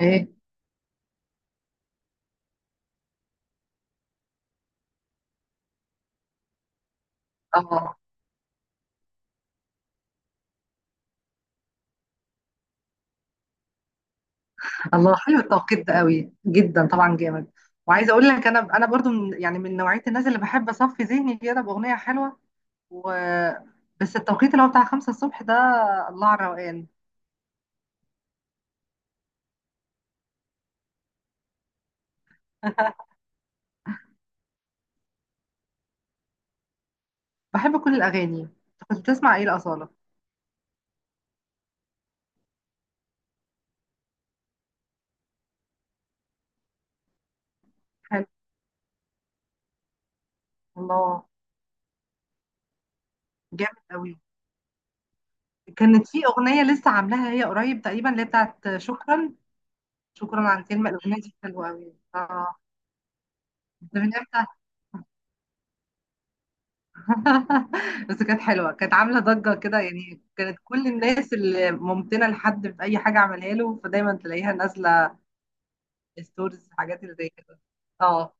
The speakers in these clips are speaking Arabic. ايه. اه، الله حلو التوقيت ده قوي جدا، طبعا جامد. وعايزه اقول لك انا برضو من من نوعيه الناس اللي بحب اصفي ذهني كده باغنيه حلوه. و بس التوقيت اللي هو بتاع خمسة الصبح ده، الله على الروقان. بحب كل الاغاني. أنت كنت بتسمع ايه الاصاله؟ حلو، الله، جامد قوي. كانت في اغنيه لسه عاملاها هي قريب تقريبا، اللي هي بتاعت شكرا. شكرا، عن كلمه الاغنيه دي حلوه قوي. اه، ده من امتى؟ بس كانت حلوه، كانت عامله ضجه كده، يعني كانت كل الناس اللي ممتنه لحد في اي حاجه عملها له فدايما تلاقيها نازله ستوريز حاجات اللي زي كده. اه.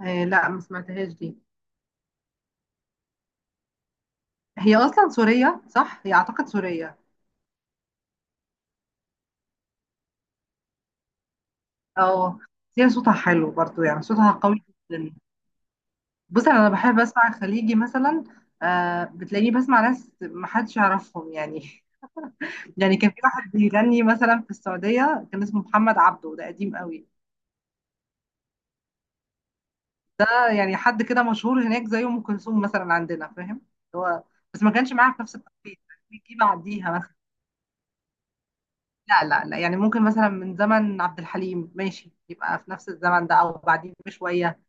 لا، ما سمعتهاش دي. هي اصلا سوريه صح؟ هي اعتقد سوريه. اه، بس هي صوتها حلو برضو، يعني صوتها قوي جدا. بص، انا بحب اسمع خليجي مثلا. آه، بتلاقيني بسمع ناس ما حدش يعرفهم يعني. يعني كان في واحد بيغني مثلا في السعوديه كان اسمه محمد عبده، ده قديم قوي. يعني حد كده مشهور هناك زي ام كلثوم مثلا عندنا، فاهم؟ هو بس ما كانش معاها في نفس التوقيت، بيجي بعديها مثلا. لا لا لا، يعني ممكن مثلا من زمن عبد الحليم، ماشي، يبقى في نفس الزمن ده او بعدين بشويه.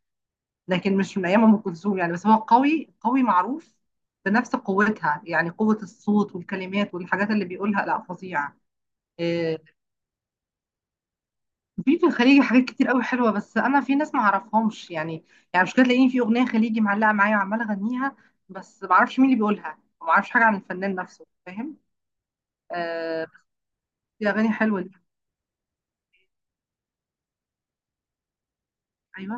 لكن مش من ايام ام كلثوم يعني. بس هو قوي قوي معروف، بنفس قوتها، يعني قوه الصوت والكلمات والحاجات اللي بيقولها، لا فظيعه. آه، في في الخليجي حاجات كتير قوي حلوه، بس انا في ناس ما اعرفهمش يعني. يعني مش كده، تلاقيني في اغنيه خليجي معلقه معايا وعماله اغنيها، بس ما اعرفش مين اللي بيقولها، وما اعرفش حاجه عن الفنان نفسه، فاهم؟ آه بس دي اغاني حلوه دي. ايوه.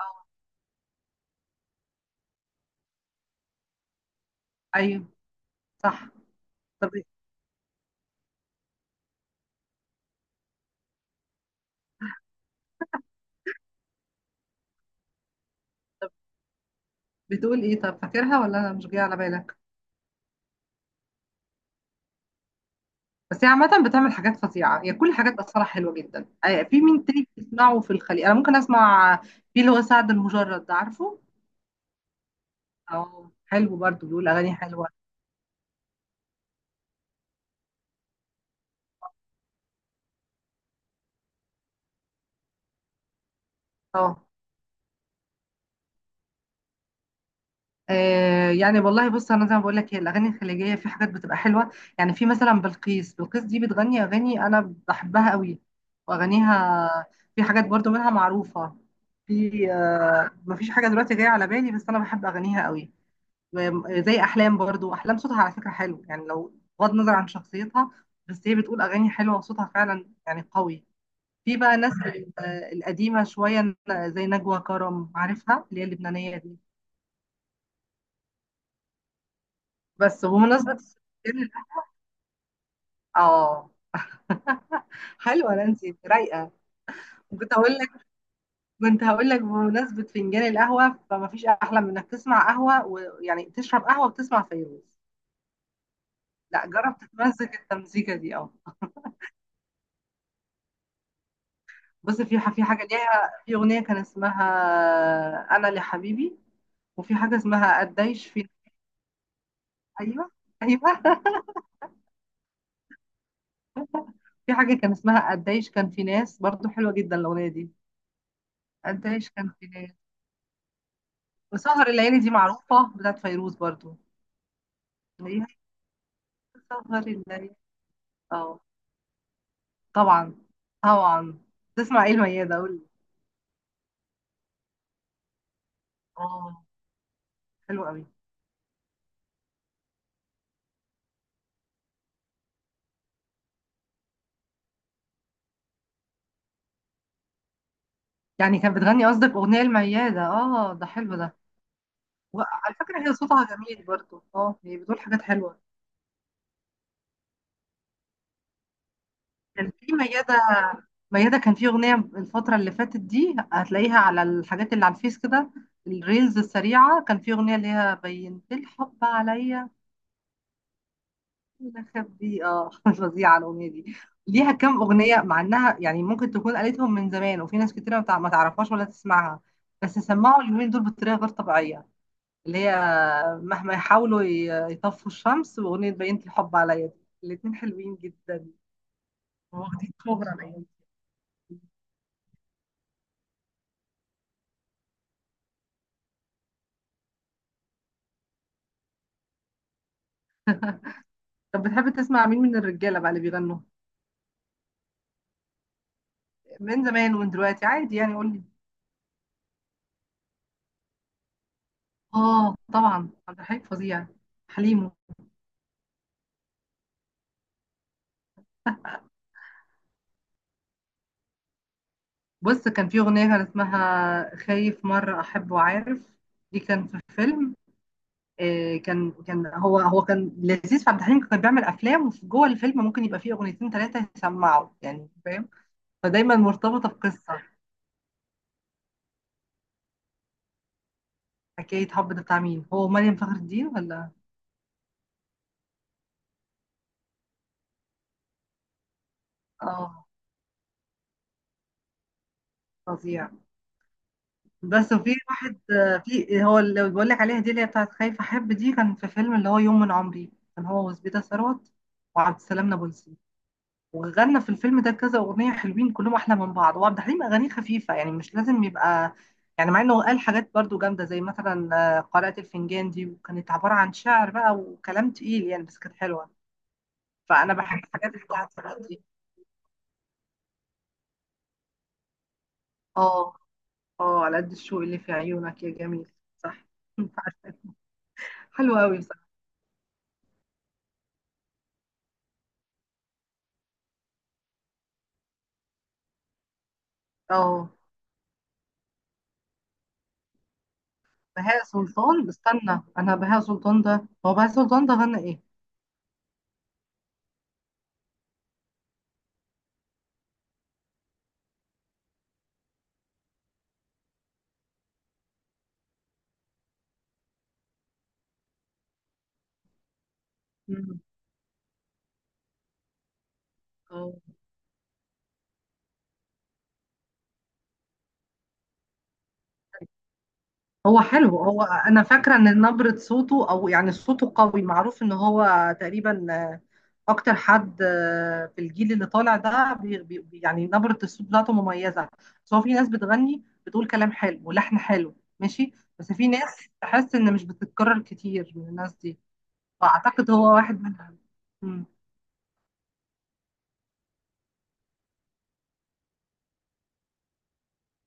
اه، ايوه صح. طب، طب بتقول ايه؟ طب فاكرها ولا انا مش جايه على بالك؟ بس هي عامه بتعمل حاجات فظيعه، هي كل حاجات اصلا حلوه جدا. آه، في مين تاني بتسمعه في الخليج؟ انا ممكن اسمع في اللي هو سعد المجرد، ده عارفه. اه، حلو برضو، بيقول اغاني حلوه. اه، آه يعني والله بص، انا زي ما بقول لك هي الاغاني الخليجيه في حاجات بتبقى حلوه. يعني في مثلا بلقيس، بلقيس دي بتغني اغاني انا بحبها قوي، واغانيها في حاجات برضو منها معروفه. في آه، مفيش حاجه دلوقتي جايه على بالي، بس انا بحب اغانيها قوي. و- آه، زي احلام برضو، احلام صوتها على فكره حلو يعني، لو بغض النظر عن شخصيتها، بس هي بتقول اغاني حلوه وصوتها فعلا يعني قوي. في بقى ناس آه، القديمه شويه، زي نجوى كرم، عارفها اللي هي اللبنانيه دي؟ بس وبمناسبه، اه، حلوه نانسي، رايقه. كنت هقول لك، كنت هقول لك بمناسبه فنجان القهوه فما فيش احلى من انك تسمع قهوه، ويعني تشرب قهوه وتسمع فيروز. لا جرب تتمزج التمزيكه دي. اه، بص في في حاجه ليها في اغنيه كان اسمها انا لحبيبي، وفي حاجه اسمها قديش، في ايوه. ايوه في حاجه كان اسمها قديش كان في ناس، برضو حلوه جدا الاغنيه دي. قديش كان في ناس. وسهر الليالي دي معروفه، بتاعت فيروز برضو. هي سهر الليالي. اه، طبعا طبعا. تسمع ايه الميادة؟ قول لي. اه، حلو قوي. يعني كانت بتغني قصدك اغنية الميادة؟ اه، ده حلو ده. وعلى فكرة هي صوتها جميل برضو، اه، هي بتقول حاجات حلوة. كان في ميادة، ميادة كان في اغنية الفترة اللي فاتت دي هتلاقيها على الحاجات اللي على الفيس كده، الريلز السريعة، كان في اغنية اللي هي بينت الحب عليا دي. اه فظيعه الاغنيه دي. ليها كام اغنيه، مع انها يعني ممكن تكون قالتهم من زمان وفي ناس كتير ما تعرفهاش ولا تسمعها، بس سمعوا اليومين دول بطريقه غير طبيعيه. اللي هي مهما يحاولوا يطفوا الشمس، واغنيه بينت الحب عليا دي، الاتنين حلوين جدا، واخدين شهره الايام دي. طب بتحب تسمع مين من الرجاله بقى اللي بيغنوا؟ من زمان ومن دلوقتي عادي، يعني قول لي. اه طبعا، عبد الحليم فظيع. حليم. بص كان في أغنية كان اسمها خايف مرة أحب، وعارف دي كان في فيلم. آه، كان كان هو هو كان لذيذ في عبد الحليم، كان بيعمل أفلام وفي جوه الفيلم ممكن يبقى فيه أغنيتين ثلاثة يسمعوا يعني، فاهم؟ فدايما مرتبطة بقصة. حكاية حب ده بتاع مين؟ هو مريم فخر الدين ولا؟ اه فظيع. بس وفي واحد، آه، في هو اللي بقول لك عليها دي اللي هي بتاعت خايف أحب دي، كان في فيلم اللي هو يوم من عمري، كان هو وزبيدة ثروت وعبد السلام نابلسي، وغنى في الفيلم ده كذا اغنيه حلوين كلهم احلى من بعض. وعبد الحليم اغانيه خفيفه يعني، مش لازم يبقى يعني، مع انه قال حاجات برضو جامده زي مثلا آه، قارئة الفنجان دي، وكانت عباره عن شعر بقى وكلام تقيل يعني، بس كانت حلوه. فانا بحب الحاجات بتاعت الوقت دي. اه، اه، على قد الشوق اللي في عيونك يا جميل، صح. عارفة. حلو قوي بصراحه. اه، بهاء سلطان، استنى انا، بهاء سلطان ده، هو بهاء سلطان ده غنى ايه؟ مم. اه هو حلو، هو انا فاكره ان نبره صوته او يعني صوته قوي معروف ان هو تقريبا آه، اكتر حد آه، في الجيل اللي طالع ده، بي يعني نبره الصوت بتاعته مميزه. بس هو في ناس بتغني بتقول كلام حلو ولحن حلو ماشي، بس في ناس تحس ان مش بتتكرر كتير من الناس دي، فاعتقد هو واحد منهم. مم.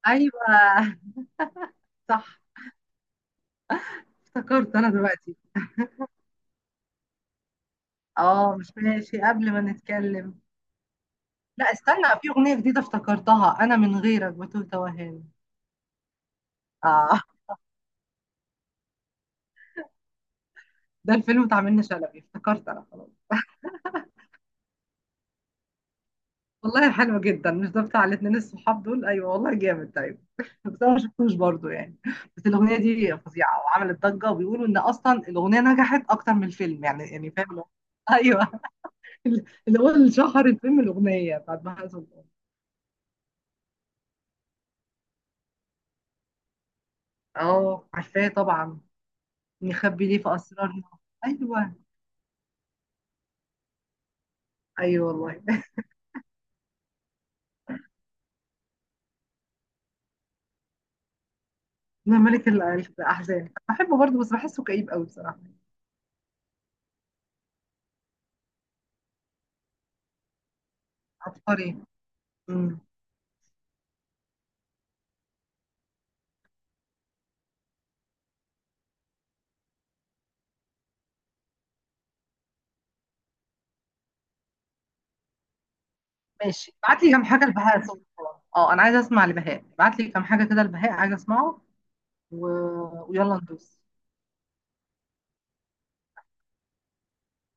ايوه صح. افتكرت انا دلوقتي. اه مش ماشي قبل ما نتكلم. لا استنى، في اغنيه جديده افتكرتها انا، من غيرك بتوه توهان. اه، ده الفيلم بتاع منة شلبي، افتكرت انا خلاص. والله حلو جدا. مش ده بتاع الاتنين الصحاب دول؟ ايوه والله جامد، ايوه. بس انا ما شفتوش برضه يعني. بس الاغنيه دي فظيعه وعملت ضجه، وبيقولوا ان اصلا الاغنيه نجحت اكتر من الفيلم يعني، يعني فاهم اللي ايوه. اللي هو اللي شهر الفيلم الاغنيه بتاعت بهاء سلطان. اه، عارفاه طبعا، نخبي ليه في اسرارنا. ايوه ايوه والله. لا الأحزان بحبه برضه، بس بحسه كئيب قوي بصراحة. عبقري. امم. ماشي، ابعت لي كام حاجة لبهاء سلطان. اه أنا عايزة أسمع لبهاء، ابعت لي كام حاجة كده لبهاء، عايزة أسمعه. و... ويلا ندوس.